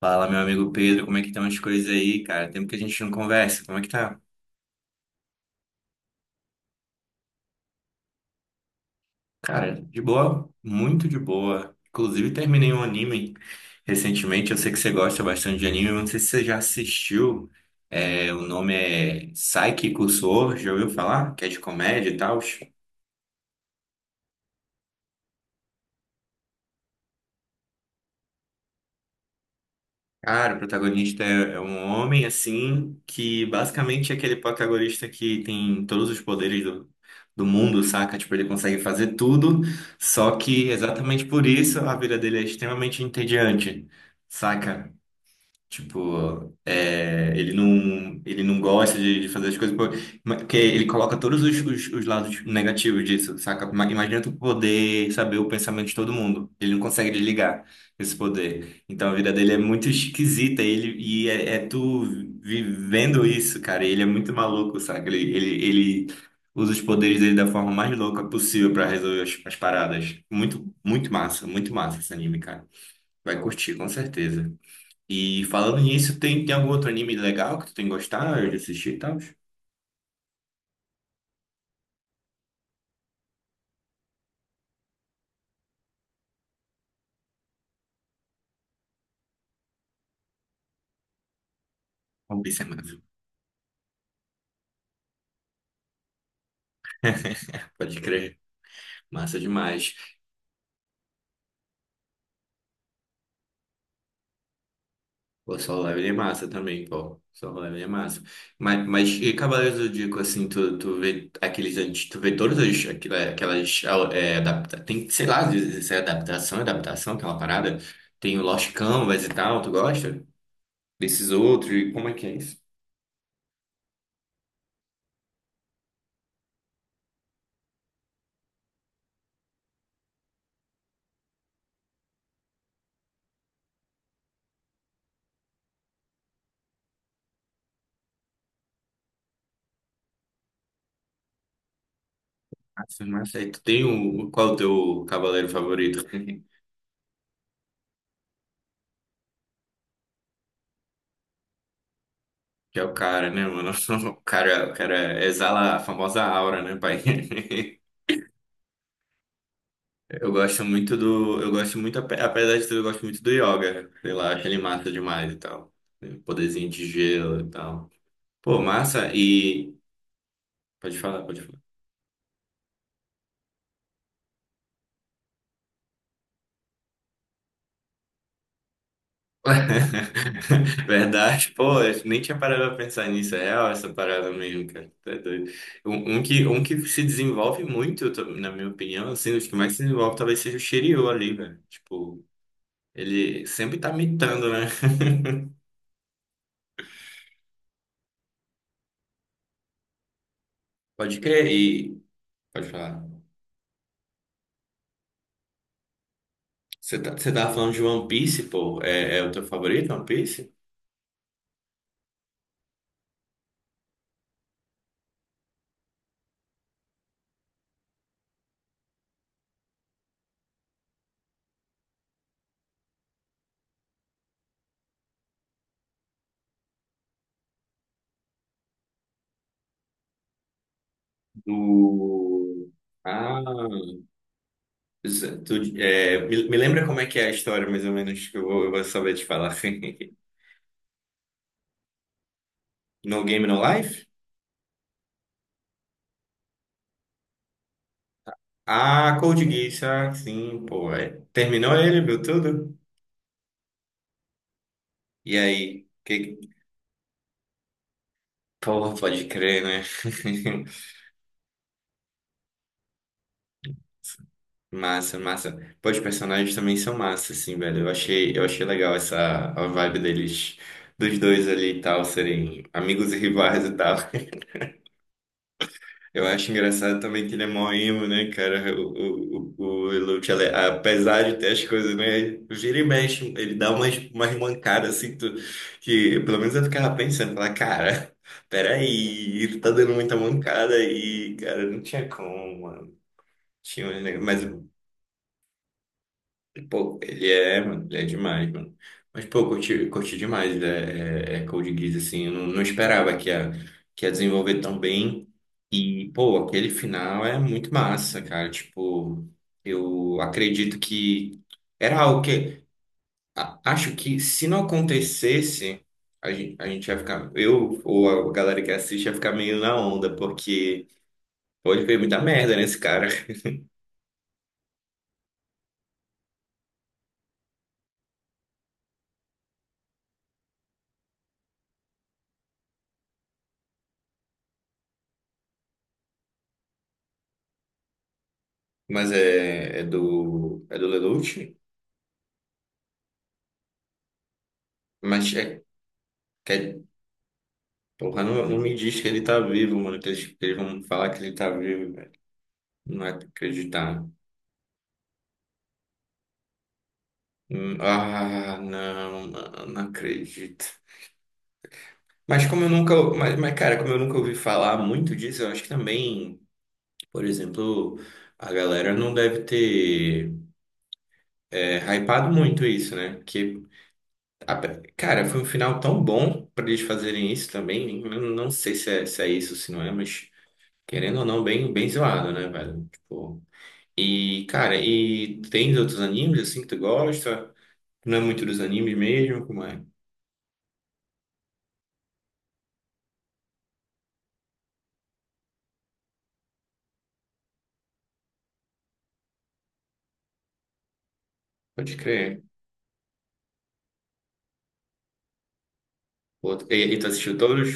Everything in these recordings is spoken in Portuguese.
Fala, meu amigo Pedro, como é que estão as coisas aí, cara? Tempo que a gente não conversa, como é que tá? Cara, de boa, muito de boa. Inclusive, terminei um anime recentemente, eu sei que você gosta bastante de anime, eu não sei se você já assistiu. É, o nome é Saiki Kusuo, já ouviu falar? Que é de comédia e tal. Cara, o protagonista é um homem assim que basicamente é aquele protagonista que tem todos os poderes do mundo, saca? Tipo, ele consegue fazer tudo, só que exatamente por isso a vida dele é extremamente entediante, saca? Tipo, é, ele não gosta de fazer as coisas porque ele coloca todos os lados negativos disso, saca? Imagina tu poder saber o pensamento de todo mundo. Ele não consegue desligar esse poder. Então a vida dele é muito esquisita. E é tu vivendo isso, cara. Ele é muito maluco, saca? Ele usa os poderes dele da forma mais louca possível pra resolver as paradas. Muito, muito massa esse anime, cara. Vai curtir, com certeza. E falando nisso, tem algum outro anime legal que tu tem gostado de assistir e tal? Vamos ver massa. Pode crer. Massa demais. O Solo Leveling é massa também, pô. Solo Leveling é massa. Mas e Cavaleiros do Zodíaco, assim, tu vê aqueles antes, tu vê todas as, aquelas, é, adapta, tem, sei lá, às vezes é adaptação, aquela parada. Tem o Lost Canvas e tal, tu gosta? Desses outros, e como é que é isso? Massa, massa. E tu tem o, qual é o teu cavaleiro favorito? Que é o cara, né, mano? O cara exala a famosa aura, né, pai? Eu gosto muito do. Eu gosto muito, apesar de tudo, eu gosto muito do yoga. Sei lá, acho ele massa demais e tal. Tem um Poderzinho de gelo e tal. Pô, massa e. Pode falar, pode falar. Verdade, pô, eu nem tinha parado pra pensar nisso. É real essa parada mesmo, cara. Tá doido. Um, um que se desenvolve muito, eu na minha opinião, assim, os que mais se desenvolve talvez seja o Shiryu ali, velho. Tipo. Ele sempre tá mitando, né? Pode crer. E pode falar. Você tá, você tava falando de One Piece, pô. É, é o teu favorito, One Piece? Do. Ah, isso- tu, é, me lembra como é que é a história, mais ou menos, que eu vou saber te falar. No Game, No Life? Ah, Code Geass, ah, sim, pô. É. Terminou ele, viu tudo? E aí? Que... Pô, pode crer, né? Massa, massa. Pô, os personagens também são massa, assim, velho. Eu achei legal essa a vibe deles, dos dois ali e tal, serem amigos e rivais e tal. Eu acho engraçado também que ele é mó emo, né, cara? O Luke, ele- é, apesar de ter as coisas, né? Vira e mexe, ele dá umas mancadas assim, que pelo menos eu ficava pensando, falar, cara, peraí, tu tá dando muita mancada aí, cara, não tinha como, mano. Tinha, um mas Pô, ele é, mano, ele é demais, mano. Mas, pô, curti, curti demais, né? É, é Code Geass, assim, eu não esperava que ia desenvolver tão bem. E, pô, aquele final é muito massa, cara. Tipo, eu acredito que era algo que. A- acho que se não acontecesse, a gente ia ficar. Eu ou a galera que assiste ia ficar meio na onda, porque pô, ele fez muita merda nesse cara. Mas é, é do. É do Lelouch. Mas é. Porra, não, não me diz que ele tá vivo, mano. Que eles vão falar que ele tá vivo, velho. Não é de acreditar. Ah, não, mano, não acredito. Mas como eu nunca. Mas, cara, como eu nunca ouvi falar muito disso, eu acho que também, por exemplo, a galera não deve ter é, hypado muito isso, né? Porque, a- cara, foi um final tão bom pra eles fazerem isso também. Eu não sei se é, se é isso, se não é, mas querendo ou não, bem, bem zoado, né, velho? Tipo. E, cara, e tem outros animes assim que tu gosta? Não é muito dos animes mesmo, como é? Pode crer. Outro... E, e tu assistiu todos?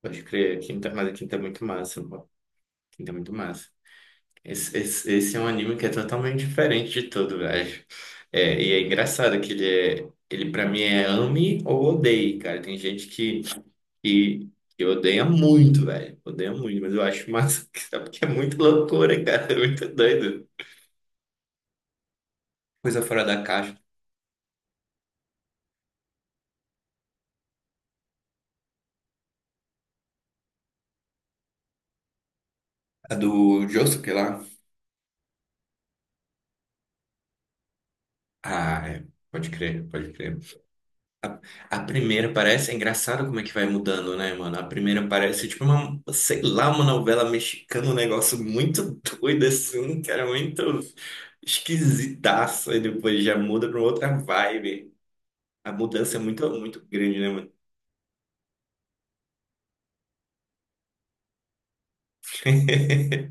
Pode crer. Quinta... Mas a quinta é muito massa. Pô. Quinta é muito massa. Esse é um anime que é totalmente diferente de tudo, velho. É, e é engraçado que ele é. Ele pra mim é ame ou odeie, cara. Tem gente que, que odeia muito, velho. Odeia muito, mas eu acho massa, sabe? Porque é muito loucura, cara. É muito doido. Coisa fora da caixa. A do Josuke lá? Ah, é. Pode crer, pode crer. A primeira parece. É engraçado como é que vai mudando, né, mano? A primeira parece tipo uma, sei lá, uma novela mexicana, um negócio muito doido, assim, cara, muito esquisitaço. E depois já muda pra uma outra vibe. A mudança é muito, muito grande, né, mano?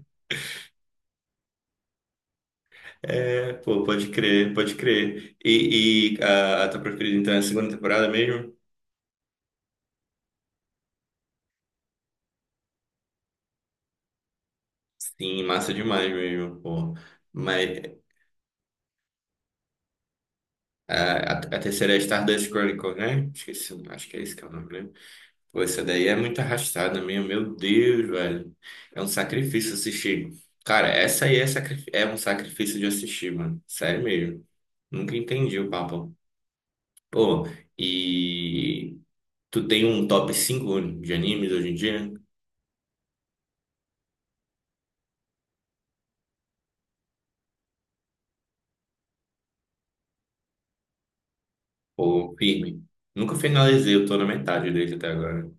É, pô, pode crer, pode crer. E a tua preferida, então, é a segunda temporada mesmo? Sim, massa demais mesmo, pô. Mas é, a terceira é Stardust Chronicles, né? Esqueci, o- acho que é esse que é o nome, né? Pô, essa daí é muito arrastada mesmo, meu Deus, velho. É um sacrifício assistir. Cara, essa aí é, sacri- é um sacrifício de assistir, mano. Sério mesmo. Nunca entendi o papo. Pô, e tu tem um top cinco de animes hoje em dia? Ou firme? Nunca finalizei, eu tô na metade dele até agora.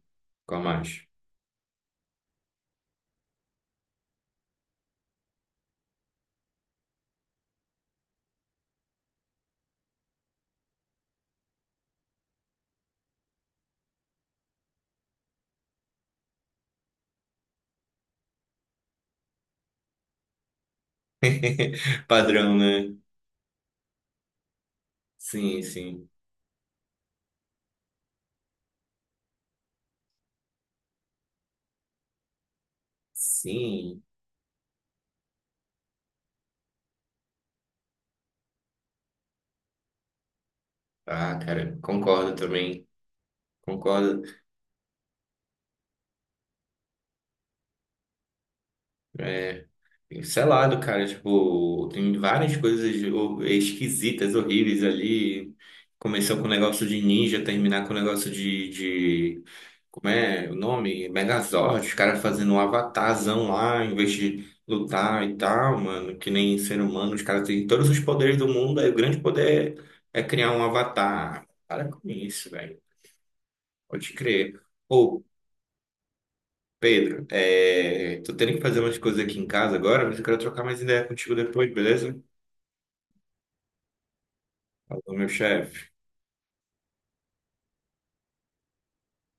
Qual mais? Padrão, né? Sim, sim. Sim. Ah, cara, concordo também. Concordo. É, sei lá, do cara, tipo, tem várias coisas esquisitas, horríveis ali. Começou com o negócio de ninja, terminar com o negócio como é o nome? Megazord, os caras fazendo um avatarzão lá, em vez de lutar e tal, mano, que nem ser humano, os caras têm todos os poderes do mundo, aí o grande poder é criar um avatar. Para com isso, velho. Pode crer. Ou Pedro, é... tô tendo que fazer umas coisas aqui em casa agora, mas eu quero trocar mais ideia contigo depois, beleza? Falou, meu chefe.